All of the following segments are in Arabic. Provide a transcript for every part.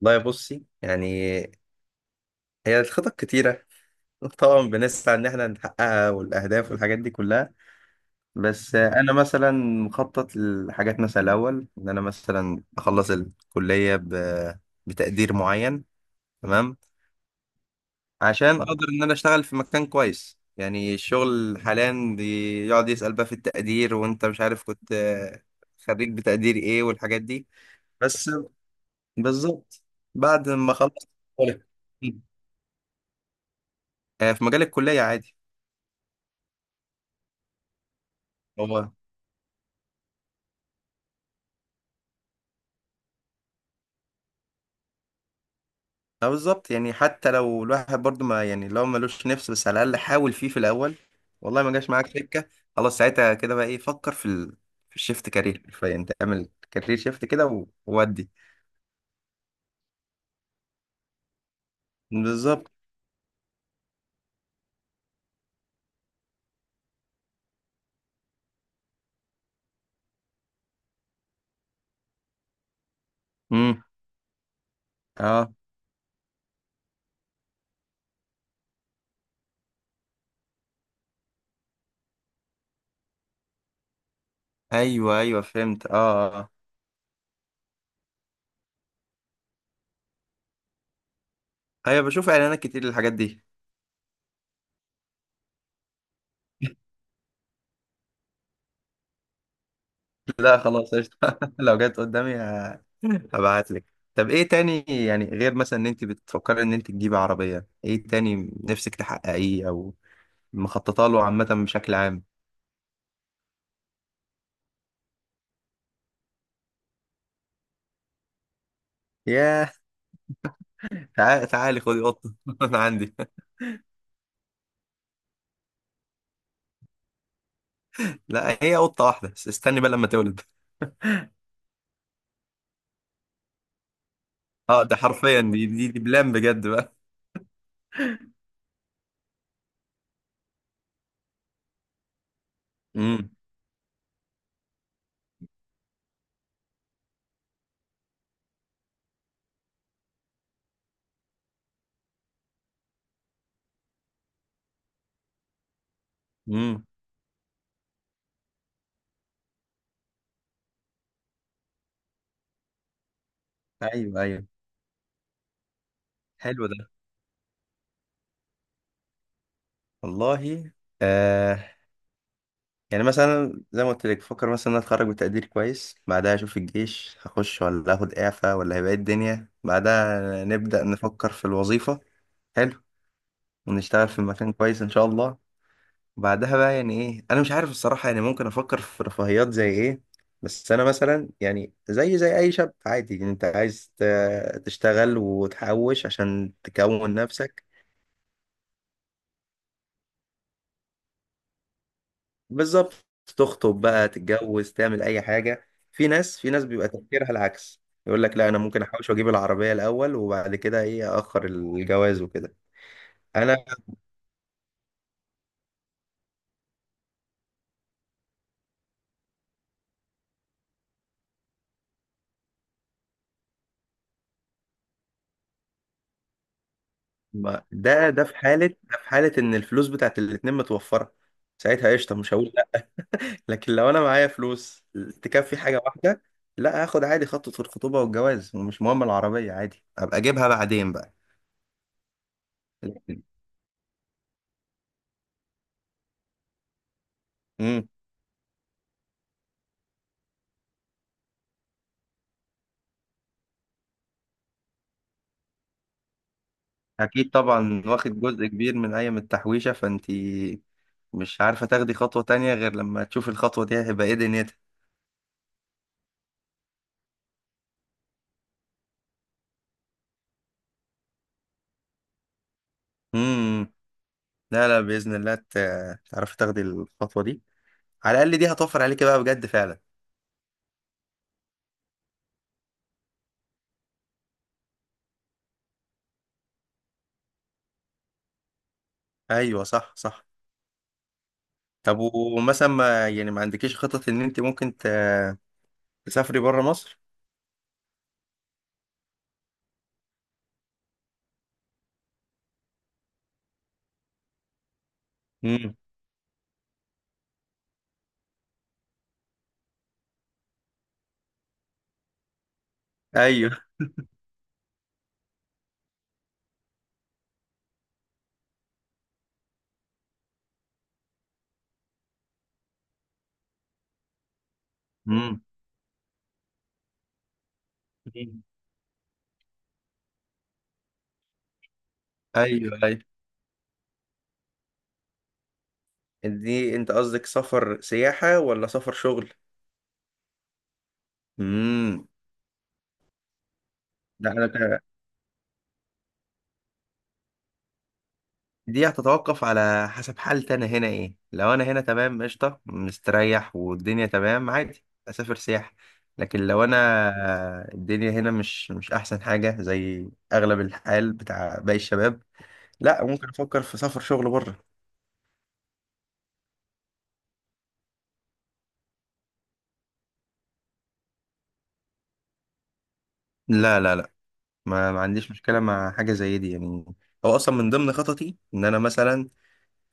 والله بصي، يعني هي الخطط كتيرة. طبعا بنسعى إن احنا نحققها، والأهداف والحاجات دي كلها. بس أنا مثلا مخطط لحاجات، مثلا الأول إن أنا مثلا أخلص الكلية بتقدير معين، تمام. عشان أقدر إن أنا أشتغل في مكان كويس، يعني الشغل حاليا بيقعد يسأل بقى في التقدير، وأنت مش عارف كنت، خريج بتقدير إيه والحاجات دي. بس بالظبط بعد ما أخلص. في مجال الكلية عادي. هو اه بالظبط، يعني حتى لو الواحد برضو، ما يعني لو ملوش نفس، بس على الاقل حاول فيه في الاول. والله ما جاش معاك سكه، خلاص ساعتها كده بقى ايه، فكر في في الشيفت كارير، حرفيا تعمل كارير شيفت كده وودي. بالظبط. امم. اه. ايوه ايوه، فهمت، اه اه. ايوه بشوف اعلانات كتير للحاجات دي. لا خلاص قشطه. لو جت قدامي هبعت لك. طب ايه تاني، يعني غير مثلا ان انت بتفكري ان انت تجيبي عربيه، ايه تاني نفسك تحققيه او مخططه له عامه بشكل عام؟ ياه. تعالي تعالي خدي قطه. انا عندي. لا هي قطه واحده بس، استني بقى لما تولد. اه، ده حرفيا دي بلان بجد بقى. امم. امم. ايوه ايوه. حلو ده. والله، آه، يعني مثلا زي ما قلت لك، بفكر مثلا ان أنا اتخرج بتقدير كويس. بعدها اشوف الجيش هخش ولا اخد اعفاء، ولا هيبقى إيه الدنيا. بعدها نبدا نفكر في الوظيفه. حلو. ونشتغل في مكان كويس ان شاء الله. بعدها بقى يعني ايه، انا مش عارف الصراحه، يعني ممكن افكر في رفاهيات زي ايه. بس انا مثلا، يعني زي اي شاب عادي، يعني انت عايز تشتغل وتحوش عشان تكون نفسك. بالظبط. تخطب بقى، تتجوز، تعمل اي حاجه. في ناس، في ناس بيبقى تفكيرها العكس، يقول لك لا انا ممكن احوش واجيب العربيه الاول، وبعد كده ايه اخر الجواز وكده. انا ده ده في حاله ان الفلوس بتاعت الاتنين متوفره. ساعتها قشطه، مش هقول. لكن لو انا معايا فلوس تكفي حاجه واحده، لا هاخد عادي خطوه الخطوبه والجواز، ومش مهم العربيه عادي، ابقى اجيبها بعدين بقى. امم. اكيد طبعا، واخد جزء كبير من ايام التحويشه، فانتي مش عارفه تاخدي خطوه تانية غير لما تشوفي الخطوه دي هيبقى ايه دنيتها. امم. لا لا، باذن الله تعرفي تاخدي الخطوه دي، على الاقل دي هتوفر عليكي بقى بجد فعلا. ايوه صح صح. طب ومثلا، ما يعني ما عندكيش خطط ان انت ممكن تسافري بره مصر؟ امم. ايوه. امم. ايوه ايوه. دي انت قصدك سفر سياحة ولا سفر شغل؟ امم. لا انا دي هتتوقف على حسب حالتي انا هنا ايه. لو انا هنا تمام قشطة، مستريح والدنيا تمام، عادي اسافر سياحة. لكن لو انا الدنيا هنا مش احسن حاجة، زي اغلب الحال بتاع باقي الشباب، لا ممكن افكر في سفر شغل بره. لا لا لا. ما عنديش مشكلة مع حاجة زي دي يعني. هو اصلا من ضمن خططي ان انا مثلا،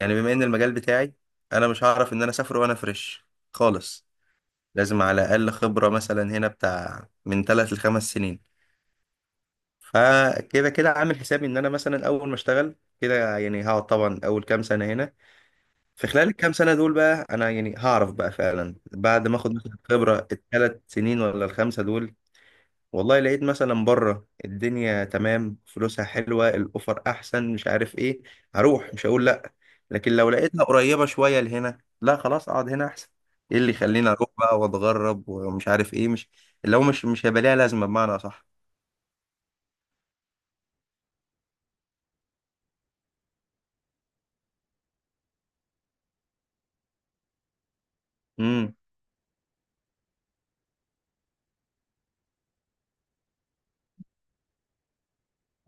يعني بما ان المجال بتاعي، انا مش هعرف ان انا اسافر وانا فريش خالص. لازم على الاقل خبره مثلا هنا بتاع من 3 ل 5 سنين. فكده كده عامل حسابي، ان انا مثلا اول ما اشتغل كده، يعني هقعد طبعا اول كام سنه هنا. في خلال الكام سنه دول بقى انا يعني هعرف بقى فعلا، بعد ما اخد مثلا خبره ال 3 سنين ولا ال 5 دول. والله لقيت مثلا بره الدنيا تمام، فلوسها حلوة، الأوفر أحسن، مش عارف إيه، هروح مش هقول لأ. لكن لو لقيتها قريبة شوية لهنا، لا خلاص أقعد هنا أحسن. إيه اللي يخليني أروح بقى وأتغرب ومش عارف إيه، مش اللي هو مش هيبقى ليها لازمة بمعنى أصح. امم.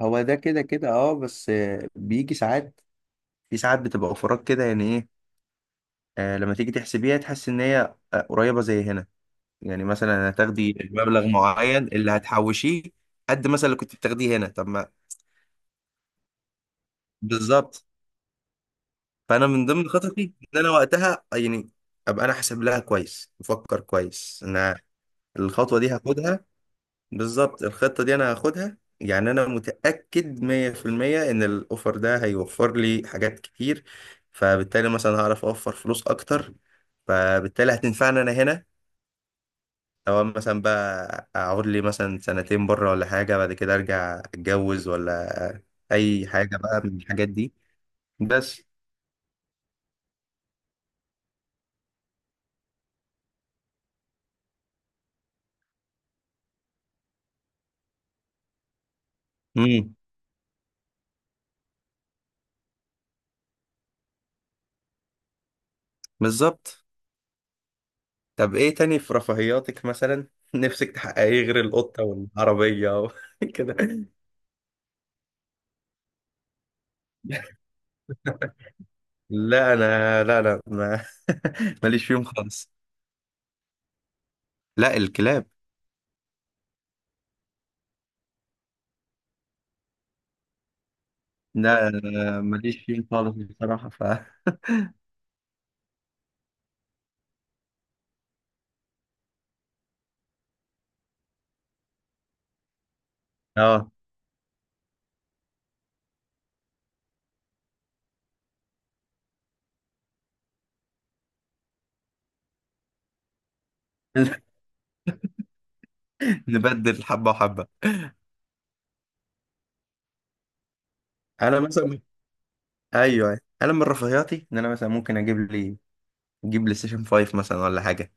هو ده كده كده أه، بس بيجي ساعات، في ساعات بتبقى أوفرات كده يعني إيه، آه لما تيجي تحسبيها تحس إن هي، قريبة زي هنا. يعني مثلا هتاخدي مبلغ معين اللي هتحوشيه قد مثلا اللي كنت بتاخديه هنا، طب ما. بالظبط. فانا من ضمن خططي ان انا وقتها يعني ابقى انا حاسب لها كويس، مفكر كويس ان الخطوه دي هاخدها. بالظبط الخطه دي انا هاخدها، يعني انا متاكد 100% ان الاوفر ده هيوفر لي حاجات كتير. فبالتالي مثلا هعرف اوفر فلوس اكتر، فبالتالي هتنفعني انا هنا، او مثلا بقى اقعد لي مثلا سنتين بره ولا حاجه، بعد كده ارجع اتجوز ولا اي حاجه بقى من الحاجات دي. بس. امم. بالظبط. طب ايه تاني في رفاهياتك، مثلا نفسك تحققيه غير القطة والعربية كده؟ لا انا، لا لا، ما ماليش فيهم خالص. لا الكلاب، لا أنا ماليش فيهم خالص بصراحة، ف اه. نبدل حبة وحبة. انا مثلا، ايوه أيوة، انا من رفاهياتي ان انا مثلا ممكن اجيب لي سيشن 5 مثلا ولا حاجة.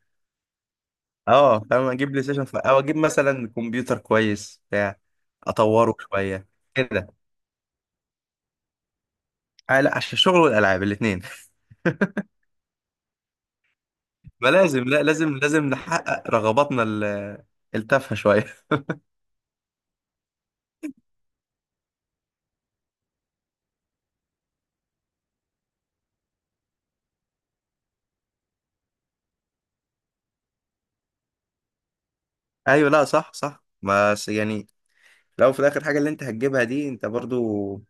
اه فاهم، اجيب لي سيشن 5، او اجيب مثلا كمبيوتر كويس بتاع اطوره شوية كده. آه لا، عشان الشغل والالعاب الاثنين. ما لازم، لا لازم لازم نحقق رغباتنا التافهة شوية. ايوه. لا صح صح، بس يعني لو في الاخر حاجة اللي انت هتجيبها دي، انت برضو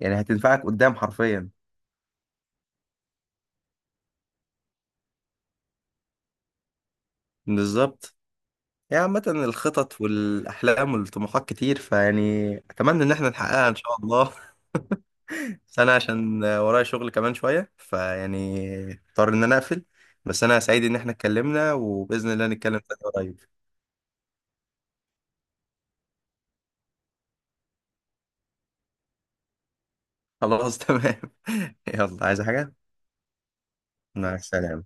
يعني هتنفعك قدام حرفيا. بالظبط. يعني عامة الخطط والأحلام والطموحات كتير، فيعني أتمنى إن احنا نحققها إن شاء الله. بس أنا عشان ورايا شغل كمان شوية، فيعني اضطر إن أنا أقفل. بس أنا سعيد إن احنا اتكلمنا، وبإذن الله نتكلم تاني قريب. خلاص تمام. يلا، عايز حاجة؟ مع السلامة.